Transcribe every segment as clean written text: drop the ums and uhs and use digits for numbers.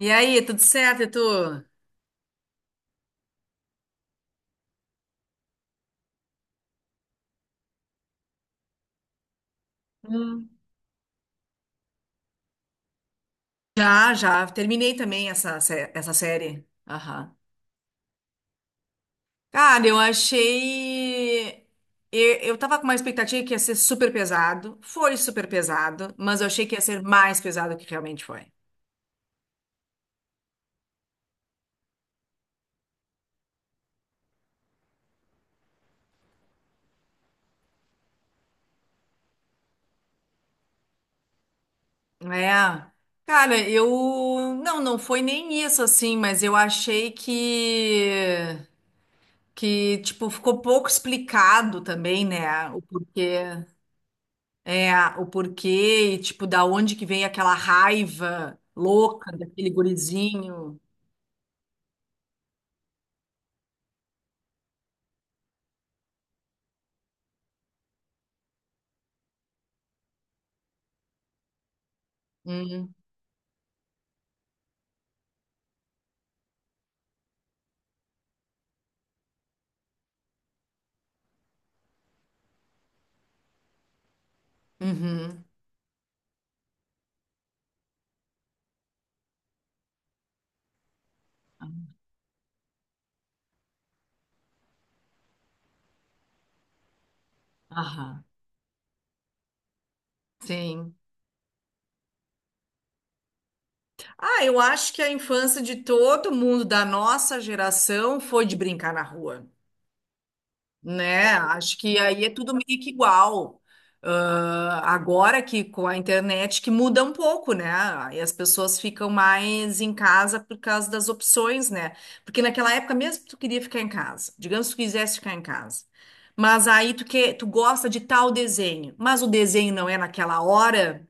E aí, tudo certo, e tu? Hum. Já, já. Terminei também essa, essa série. Aham. Cara, eu achei. Eu tava com uma expectativa que ia ser super pesado. Foi super pesado, mas eu achei que ia ser mais pesado do que realmente foi. É. Cara, eu. Não, não foi nem isso assim, mas eu achei que. Que, tipo, ficou pouco explicado também, né? O porquê. É, o porquê, e, tipo, da onde que vem aquela raiva louca daquele gurizinho. Hum, uhum, aham, sim. Ah, eu acho que a infância de todo mundo da nossa geração foi de brincar na rua. Né? Acho que aí é tudo meio que igual. Ah, agora que com a internet que muda um pouco, né? Aí as pessoas ficam mais em casa por causa das opções, né? Porque naquela época mesmo tu queria ficar em casa, digamos que tu quisesse ficar em casa. Mas aí tu que tu gosta de tal desenho, mas o desenho não é naquela hora,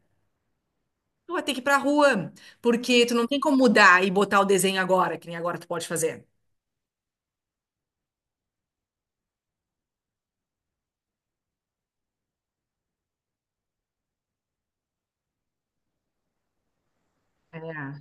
tu vai ter que ir pra rua, porque tu não tem como mudar e botar o desenho agora, que nem agora tu pode fazer. É.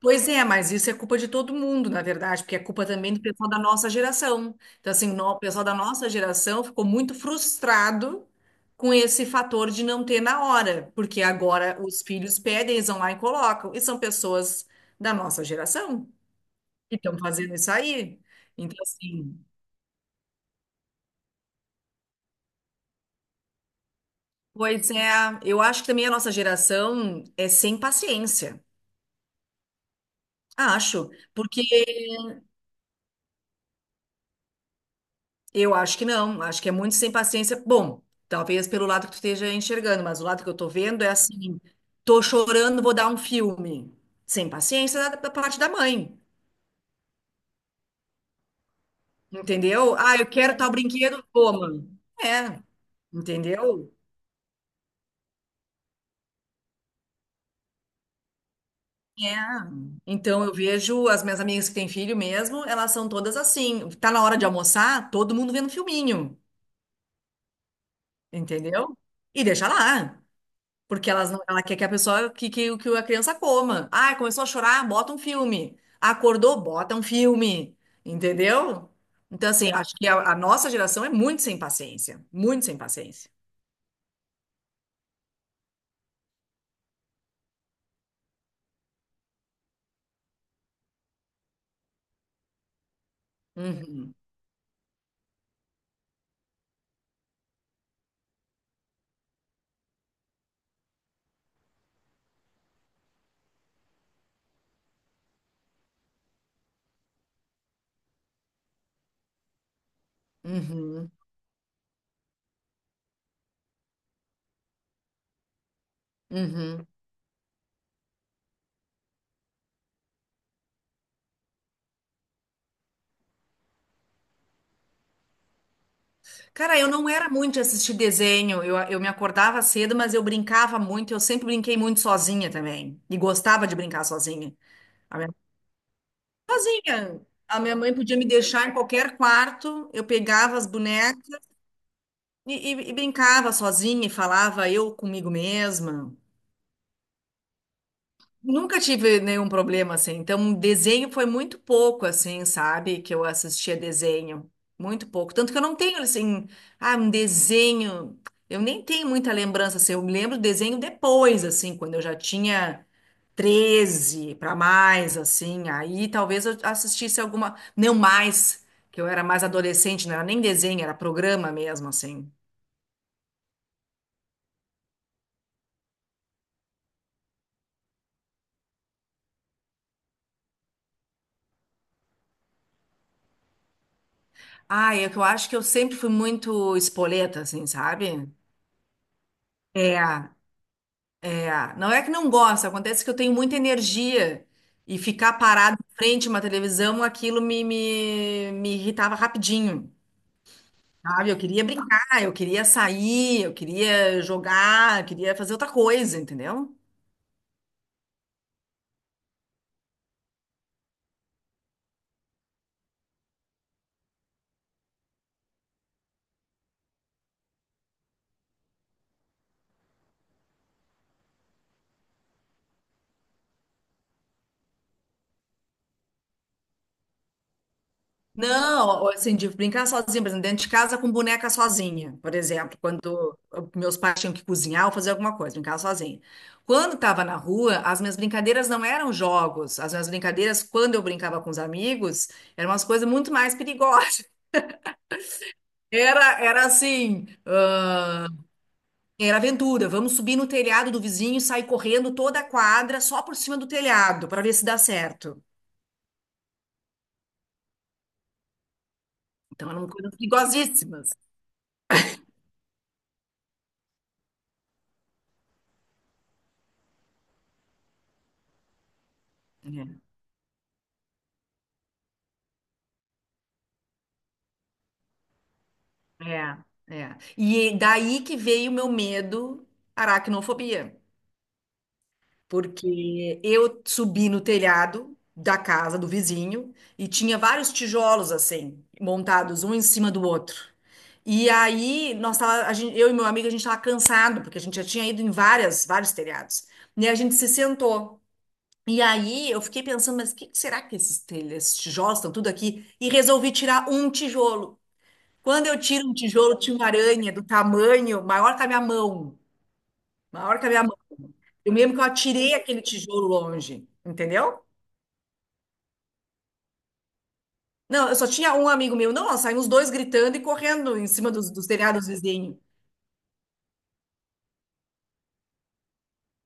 Pois é, mas isso é culpa de todo mundo, na verdade, porque é culpa também do pessoal da nossa geração. Então, assim, o pessoal da nossa geração ficou muito frustrado com esse fator de não ter na hora, porque agora os filhos pedem, eles vão lá e colocam, e são pessoas da nossa geração que estão fazendo isso aí. Então, assim, pois é, eu acho que também a nossa geração é sem paciência. Acho, porque eu acho que não, acho que é muito sem paciência. Bom, talvez pelo lado que tu esteja enxergando, mas o lado que eu tô vendo é assim, tô chorando, vou dar um filme. Sem paciência da parte da mãe, entendeu? Ah, eu quero tal brinquedo, toma. É, entendeu? É. Então eu vejo as minhas amigas que têm filho mesmo, elas são todas assim. Tá na hora de almoçar, todo mundo vendo filminho, entendeu? E deixa lá. Porque elas ela quer que a pessoa, que a criança coma. Ah, começou a chorar, bota um filme. Acordou, bota um filme. Entendeu? Então, assim, acho que a nossa geração é muito sem paciência. Muito sem paciência. Uhum, uhum, uhum. Cara, eu não era muito de assistir desenho. Eu me acordava cedo, mas eu brincava muito. Eu sempre brinquei muito sozinha também. E gostava de brincar sozinha. A minha, sozinha. A minha mãe podia me deixar em qualquer quarto. Eu pegava as bonecas. E brincava sozinha e falava eu comigo mesma. Nunca tive nenhum problema assim. Então, desenho foi muito pouco assim, sabe? Que eu assistia desenho. Muito pouco. Tanto que eu não tenho assim, ah, um desenho. Eu nem tenho muita lembrança assim. Eu me lembro do desenho depois, assim, quando eu já tinha 13 para mais, assim. Aí talvez eu assistisse alguma. Não mais, que eu era mais adolescente, não era nem desenho, era programa mesmo, assim. Ah, é que eu acho que eu sempre fui muito espoleta, assim, sabe? É, é. Não é que não gosto, acontece que eu tenho muita energia e ficar parado em frente a uma televisão, aquilo me irritava rapidinho, sabe? Eu queria brincar, eu queria sair, eu queria jogar, eu queria fazer outra coisa, entendeu? Não, assim, de brincar sozinha, por exemplo, dentro de casa com boneca sozinha, por exemplo, quando meus pais tinham que cozinhar ou fazer alguma coisa, brincar sozinha. Quando estava na rua, as minhas brincadeiras não eram jogos, as minhas brincadeiras, quando eu brincava com os amigos, eram umas coisas muito mais perigosas. Era, era assim, ah, era aventura. Vamos subir no telhado do vizinho e sair correndo toda a quadra só por cima do telhado para ver se dá certo. Então eram coisas perigosíssimas. É. É, é. E daí que veio o meu medo, aracnofobia, porque eu subi no telhado da casa do vizinho e tinha vários tijolos assim, montados um em cima do outro. E aí, nós tava, a gente, eu e meu amigo, a gente estava cansado, porque a gente já tinha ido em várias, vários telhados. E a gente se sentou. E aí, eu fiquei pensando, mas o que que será que esses, esses tijolos estão tudo aqui? E resolvi tirar um tijolo. Quando eu tiro um tijolo, tinha uma aranha do tamanho maior que a minha mão. Maior que a minha mão. Eu mesmo que eu atirei aquele tijolo longe, entendeu? Não, eu só tinha um amigo meu. Não, nós saímos dois gritando e correndo em cima dos telhados vizinhos.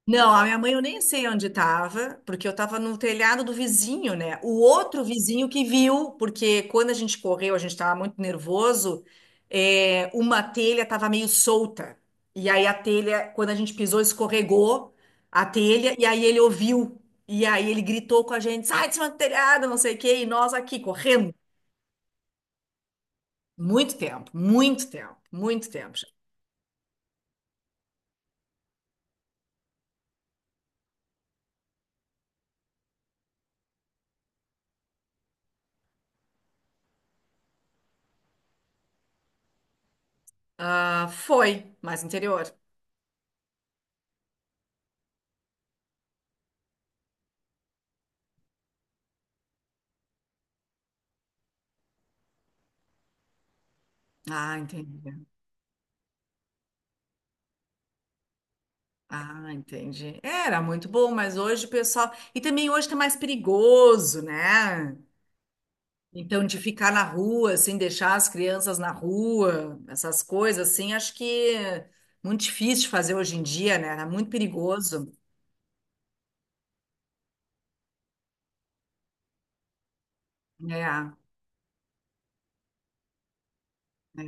Não, a minha mãe eu nem sei onde estava, porque eu estava no telhado do vizinho, né? O outro vizinho que viu, porque quando a gente correu, a gente estava muito nervoso, é, uma telha estava meio solta. E aí a telha, quando a gente pisou, escorregou a telha, e aí ele ouviu. E aí ele gritou com a gente, sai de cima do telhado, não sei o quê, e nós aqui correndo. Muito tempo, muito tempo, muito tempo. Ah, foi, mais interior. Ah, entendi. Ah, entendi. Era muito bom, mas hoje o pessoal. E também hoje tá mais perigoso, né? Então, de ficar na rua, sem deixar as crianças na rua, essas coisas assim, acho que é muito difícil de fazer hoje em dia, né? Era muito perigoso. É, é.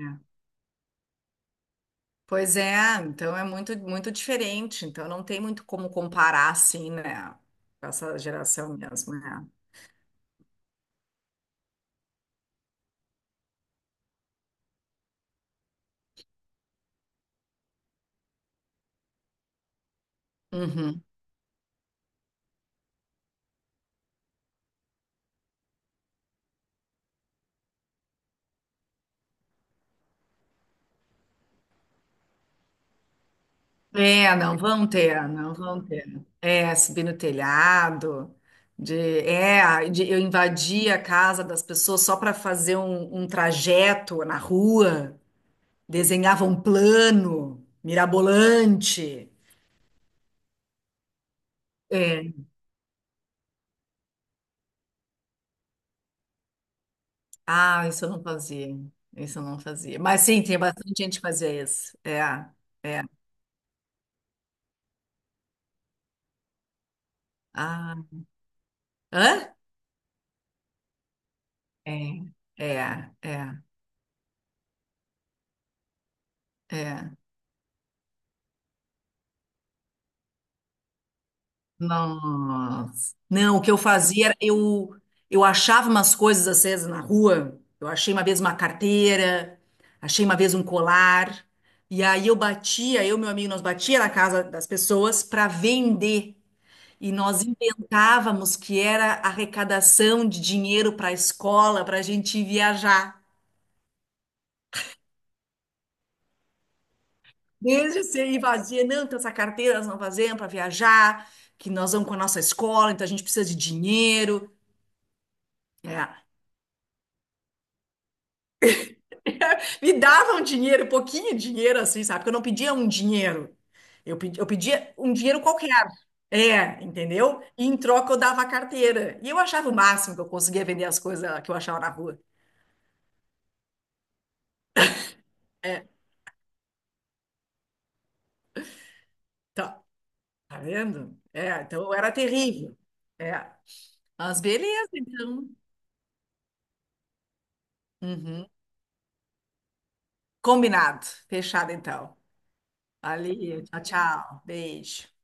Pois é, então é muito, muito diferente. Então, não tem muito como comparar assim, né? Com essa geração mesmo, né? Uhum. É, não vão ter, não vão ter. É, subir no telhado, de, é, de eu invadir a casa das pessoas só para fazer um trajeto na rua, desenhava um plano mirabolante. É. Ah, isso eu não fazia, isso eu não fazia. Mas sim, tem bastante gente que fazia isso. É, é. Ah, hã? É, é, é, é. Nossa. Não, o que eu fazia era eu achava umas coisas às vezes na rua. Eu achei uma vez uma carteira, achei uma vez um colar. E aí eu batia, eu e meu amigo, nós batia na casa das pessoas para vender. E nós inventávamos que era arrecadação de dinheiro para a escola, para a gente ir viajar. Desde ser ir vazia, não, então essa carteira nós não fazemos para viajar, que nós vamos com a nossa escola, então a gente precisa de dinheiro. É. Me davam dinheiro, um pouquinho dinheiro assim, sabe? Porque eu não pedia um dinheiro. Eu pedia um dinheiro qualquer. É, entendeu? E em troca eu dava a carteira. E eu achava o máximo que eu conseguia vender as coisas que eu achava na rua. É, tá. Tá vendo? É, então eu era terrível. É. Mas beleza, então. Uhum. Combinado. Fechado, então. Valeu. Tchau, tchau. Beijo.